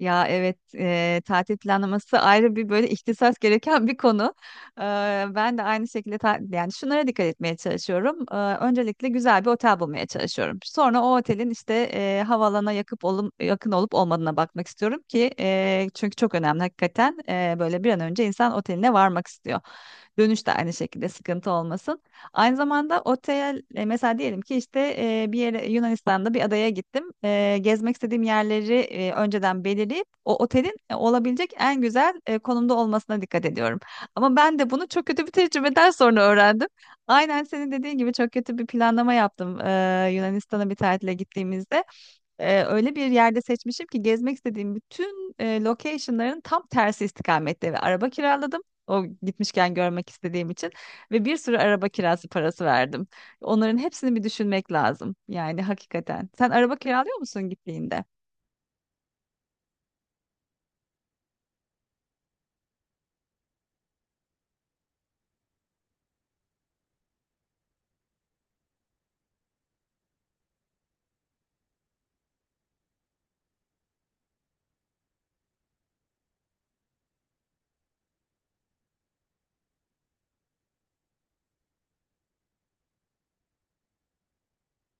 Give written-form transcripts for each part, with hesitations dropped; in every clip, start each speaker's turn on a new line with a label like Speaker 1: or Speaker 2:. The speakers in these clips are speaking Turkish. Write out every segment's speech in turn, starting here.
Speaker 1: Ya evet tatil planlaması ayrı bir böyle ihtisas gereken bir konu. Ben de aynı şekilde yani şunlara dikkat etmeye çalışıyorum. Öncelikle güzel bir otel bulmaya çalışıyorum. Sonra o otelin işte havalana yakın olup olmadığına bakmak istiyorum ki çünkü çok önemli hakikaten. Böyle bir an önce insan oteline varmak istiyor. Dönüş de aynı şekilde sıkıntı olmasın. Aynı zamanda mesela diyelim ki işte bir yere Yunanistan'da bir adaya gittim. Gezmek istediğim yerleri önceden belirleyip o otelin olabilecek en güzel konumda olmasına dikkat ediyorum. Ama ben de bunu çok kötü bir tecrübeden sonra öğrendim. Aynen senin dediğin gibi çok kötü bir planlama yaptım Yunanistan'a bir tatile gittiğimizde öyle bir yerde seçmişim ki gezmek istediğim bütün location'ların tam tersi istikamette ve araba kiraladım. O gitmişken görmek istediğim için ve bir sürü araba kirası parası verdim. Onların hepsini bir düşünmek lazım. Yani hakikaten. Sen araba kiralıyor musun gittiğinde?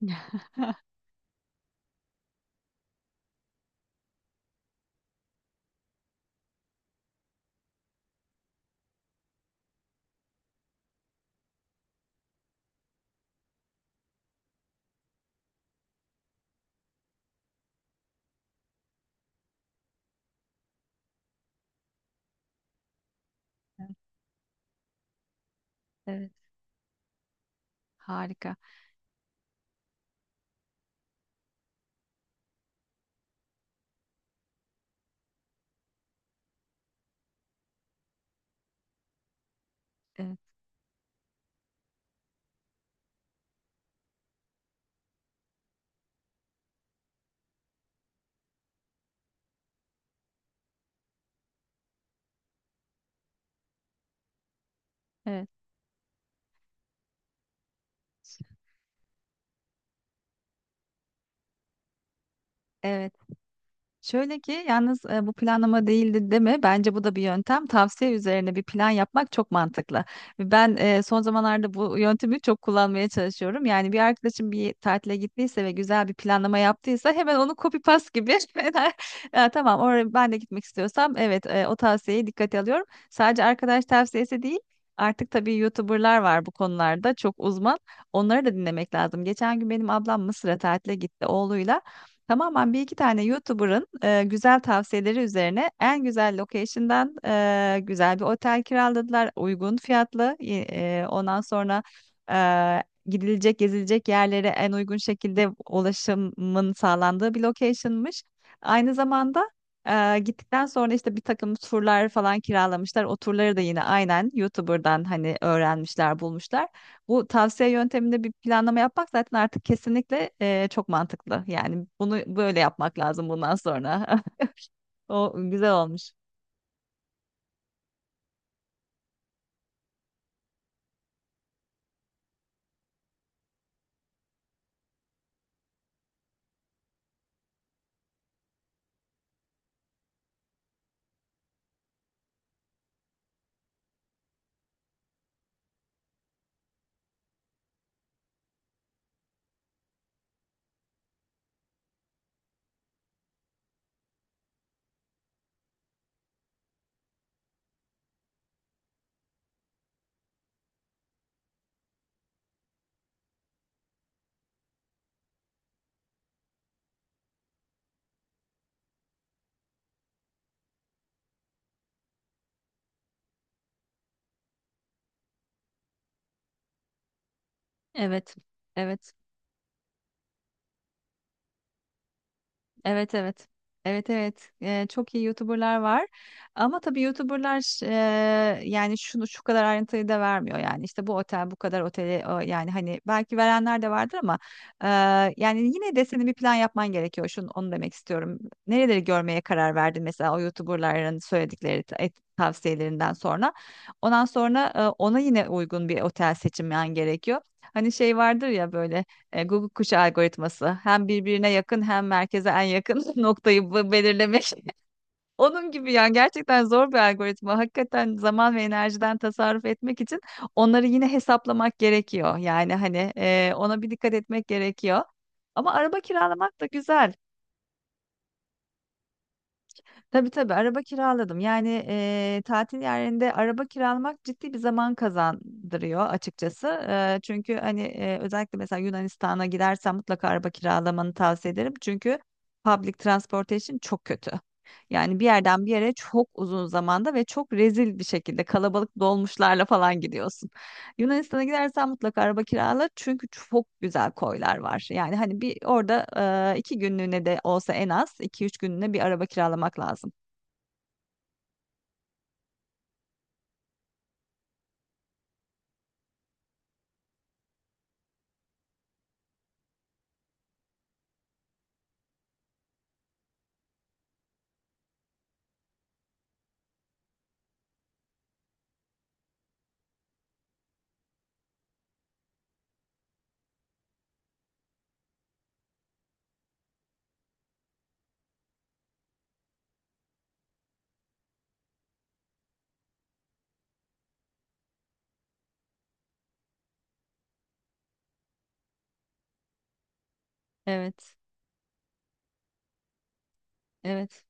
Speaker 1: Evet, harika. Evet, evet. Evet. Şöyle ki yalnız bu planlama değildi deme. Bence bu da bir yöntem. Tavsiye üzerine bir plan yapmak çok mantıklı. Ben son zamanlarda bu yöntemi çok kullanmaya çalışıyorum. Yani bir arkadaşım bir tatile gittiyse ve güzel bir planlama yaptıysa hemen onu copy paste gibi. Ya tamam oraya ben de gitmek istiyorsam evet o tavsiyeyi dikkate alıyorum. Sadece arkadaş tavsiyesi değil. Artık tabii YouTuber'lar var bu konularda çok uzman. Onları da dinlemek lazım. Geçen gün benim ablam Mısır'a tatile gitti oğluyla. Tamamen bir iki tane YouTuber'ın güzel tavsiyeleri üzerine en güzel location'dan güzel bir otel kiraladılar. Uygun fiyatlı. Ondan sonra e, gidilecek, gezilecek yerlere en uygun şekilde ulaşımın sağlandığı bir location'mış. Aynı zamanda gittikten sonra işte bir takım turlar falan kiralamışlar. O turları da yine aynen YouTuber'dan hani öğrenmişler, bulmuşlar. Bu tavsiye yönteminde bir planlama yapmak zaten artık kesinlikle çok mantıklı. Yani bunu böyle yapmak lazım bundan sonra. O güzel olmuş. Evet. Evet. Evet, evet. Evet, evet. Çok iyi YouTuber'lar var. Ama tabii YouTuber'lar yani şunu şu kadar ayrıntıyı da vermiyor yani. İşte bu otel bu kadar yani hani belki verenler de vardır ama e, yani yine de senin bir plan yapman gerekiyor. Şunu onu demek istiyorum. Nereleri görmeye karar verdin mesela o YouTuber'ların söyledikleri tavsiyelerinden sonra. Ondan sonra ona yine uygun bir otel seçmen gerekiyor. Hani şey vardır ya böyle Google kuşu algoritması hem birbirine yakın hem merkeze en yakın noktayı belirlemek. Onun gibi yani gerçekten zor bir algoritma. Hakikaten zaman ve enerjiden tasarruf etmek için onları yine hesaplamak gerekiyor. Yani hani ona bir dikkat etmek gerekiyor. Ama araba kiralamak da güzel. Tabii tabii, araba kiraladım. Yani tatil yerinde araba kiralamak ciddi bir zaman kazandırıyor açıkçası. Çünkü hani özellikle mesela Yunanistan'a gidersen mutlaka araba kiralamanı tavsiye ederim. Çünkü public transportation çok kötü. Yani bir yerden bir yere çok uzun zamanda ve çok rezil bir şekilde kalabalık dolmuşlarla falan gidiyorsun. Yunanistan'a gidersen mutlaka araba kirala çünkü çok güzel koylar var. Yani hani bir orada iki günlüğüne de olsa en az iki üç günlüğüne bir araba kiralamak lazım. Evet. Evet.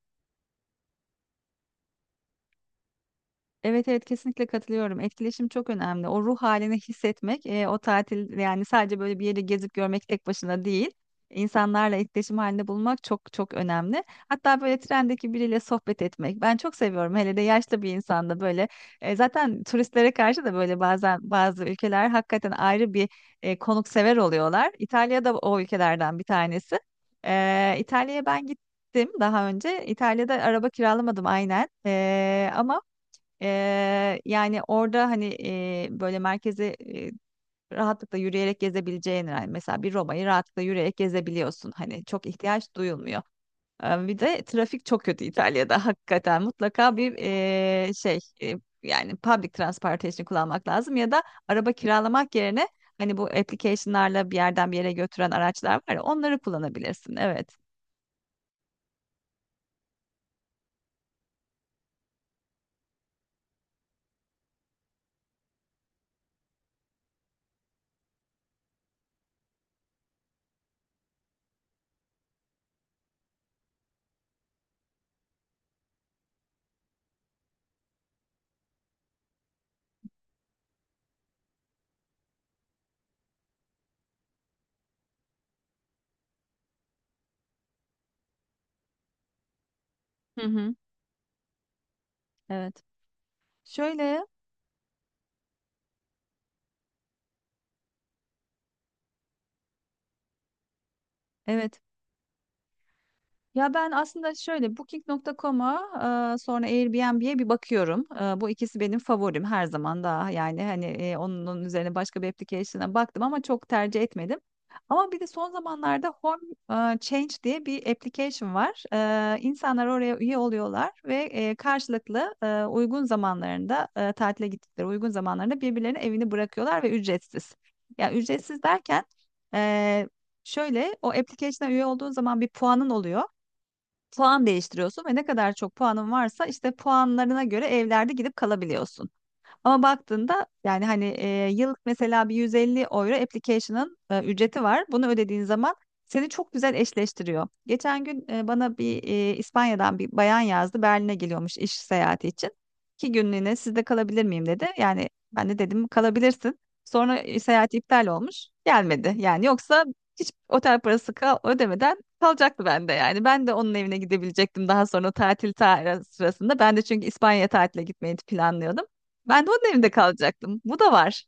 Speaker 1: Evet, evet, kesinlikle katılıyorum. Etkileşim çok önemli. O ruh halini hissetmek, o tatil yani sadece böyle bir yeri gezip görmek tek başına değil. İnsanlarla etkileşim halinde bulmak çok çok önemli. Hatta böyle trendeki biriyle sohbet etmek. Ben çok seviyorum. Hele de yaşlı bir insanda böyle. Zaten turistlere karşı da böyle bazen bazı ülkeler hakikaten ayrı bir konuksever oluyorlar. İtalya da o ülkelerden bir tanesi. İtalya'ya ben gittim daha önce. İtalya'da araba kiralamadım aynen. Ama yani orada hani böyle merkezi rahatlıkla yürüyerek gezebileceğin yani mesela bir Roma'yı rahatlıkla yürüyerek gezebiliyorsun. Hani çok ihtiyaç duyulmuyor. Bir de trafik çok kötü İtalya'da hakikaten mutlaka bir yani public transportation kullanmak lazım ya da araba kiralamak yerine hani bu application'larla bir yerden bir yere götüren araçlar var ya onları kullanabilirsin. Evet. Hı hı. Evet. Şöyle evet. Ya ben aslında şöyle Booking.com'a sonra Airbnb'ye bir bakıyorum. Bu ikisi benim favorim her zaman daha. Yani hani onun üzerine başka bir application'a baktım ama çok tercih etmedim. Ama bir de son zamanlarda Home Change diye bir application var. İnsanlar oraya üye oluyorlar ve karşılıklı uygun zamanlarında tatile gittikleri uygun zamanlarında birbirlerinin evini bırakıyorlar ve ücretsiz. Yani ücretsiz derken e, şöyle o application'a üye olduğun zaman bir puanın oluyor, puan değiştiriyorsun ve ne kadar çok puanın varsa işte puanlarına göre evlerde gidip kalabiliyorsun. Ama baktığında yani hani yıllık mesela bir 150 euro application'ın ücreti var. Bunu ödediğin zaman seni çok güzel eşleştiriyor. Geçen gün bana bir İspanya'dan bir bayan yazdı. Berlin'e geliyormuş iş seyahati için. İki günlüğüne sizde kalabilir miyim dedi. Yani ben de dedim kalabilirsin. Sonra seyahat iptal olmuş. Gelmedi. Yani yoksa hiç otel parası ödemeden kalacaktı bende yani. Ben de onun evine gidebilecektim daha sonra tatil sırasında. Ben de çünkü İspanya tatile gitmeyi planlıyordum. Ben de onun evinde kalacaktım. Bu da var.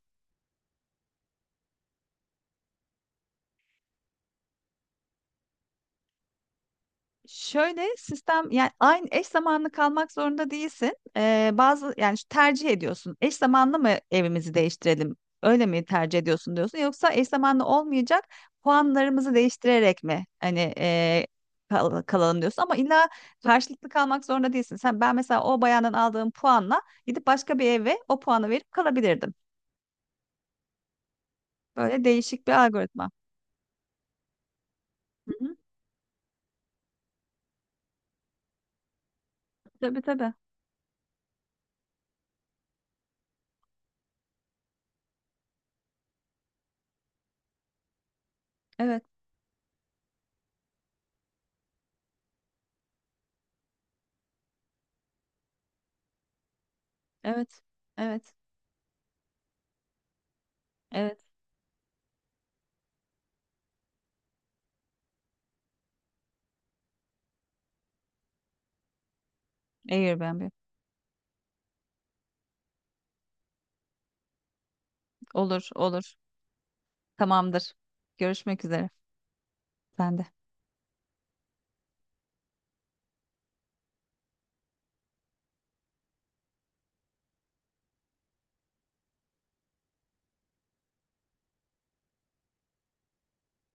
Speaker 1: Şöyle sistem, yani aynı eş zamanlı kalmak zorunda değilsin. Bazı yani şu tercih ediyorsun. Eş zamanlı mı evimizi değiştirelim? Öyle mi tercih ediyorsun diyorsun, yoksa eş zamanlı olmayacak puanlarımızı değiştirerek mi hani kalalım diyorsun? Ama illa karşılıklı kalmak zorunda değilsin. Sen ben mesela o bayandan aldığım puanla gidip başka bir eve o puanı verip kalabilirdim. Böyle değişik bir algoritma. Hı hı. Tabii tabii. Evet, evet, evet. Evet. Airbnb. Olur, olur. Tamamdır. Görüşmek üzere. Ben de.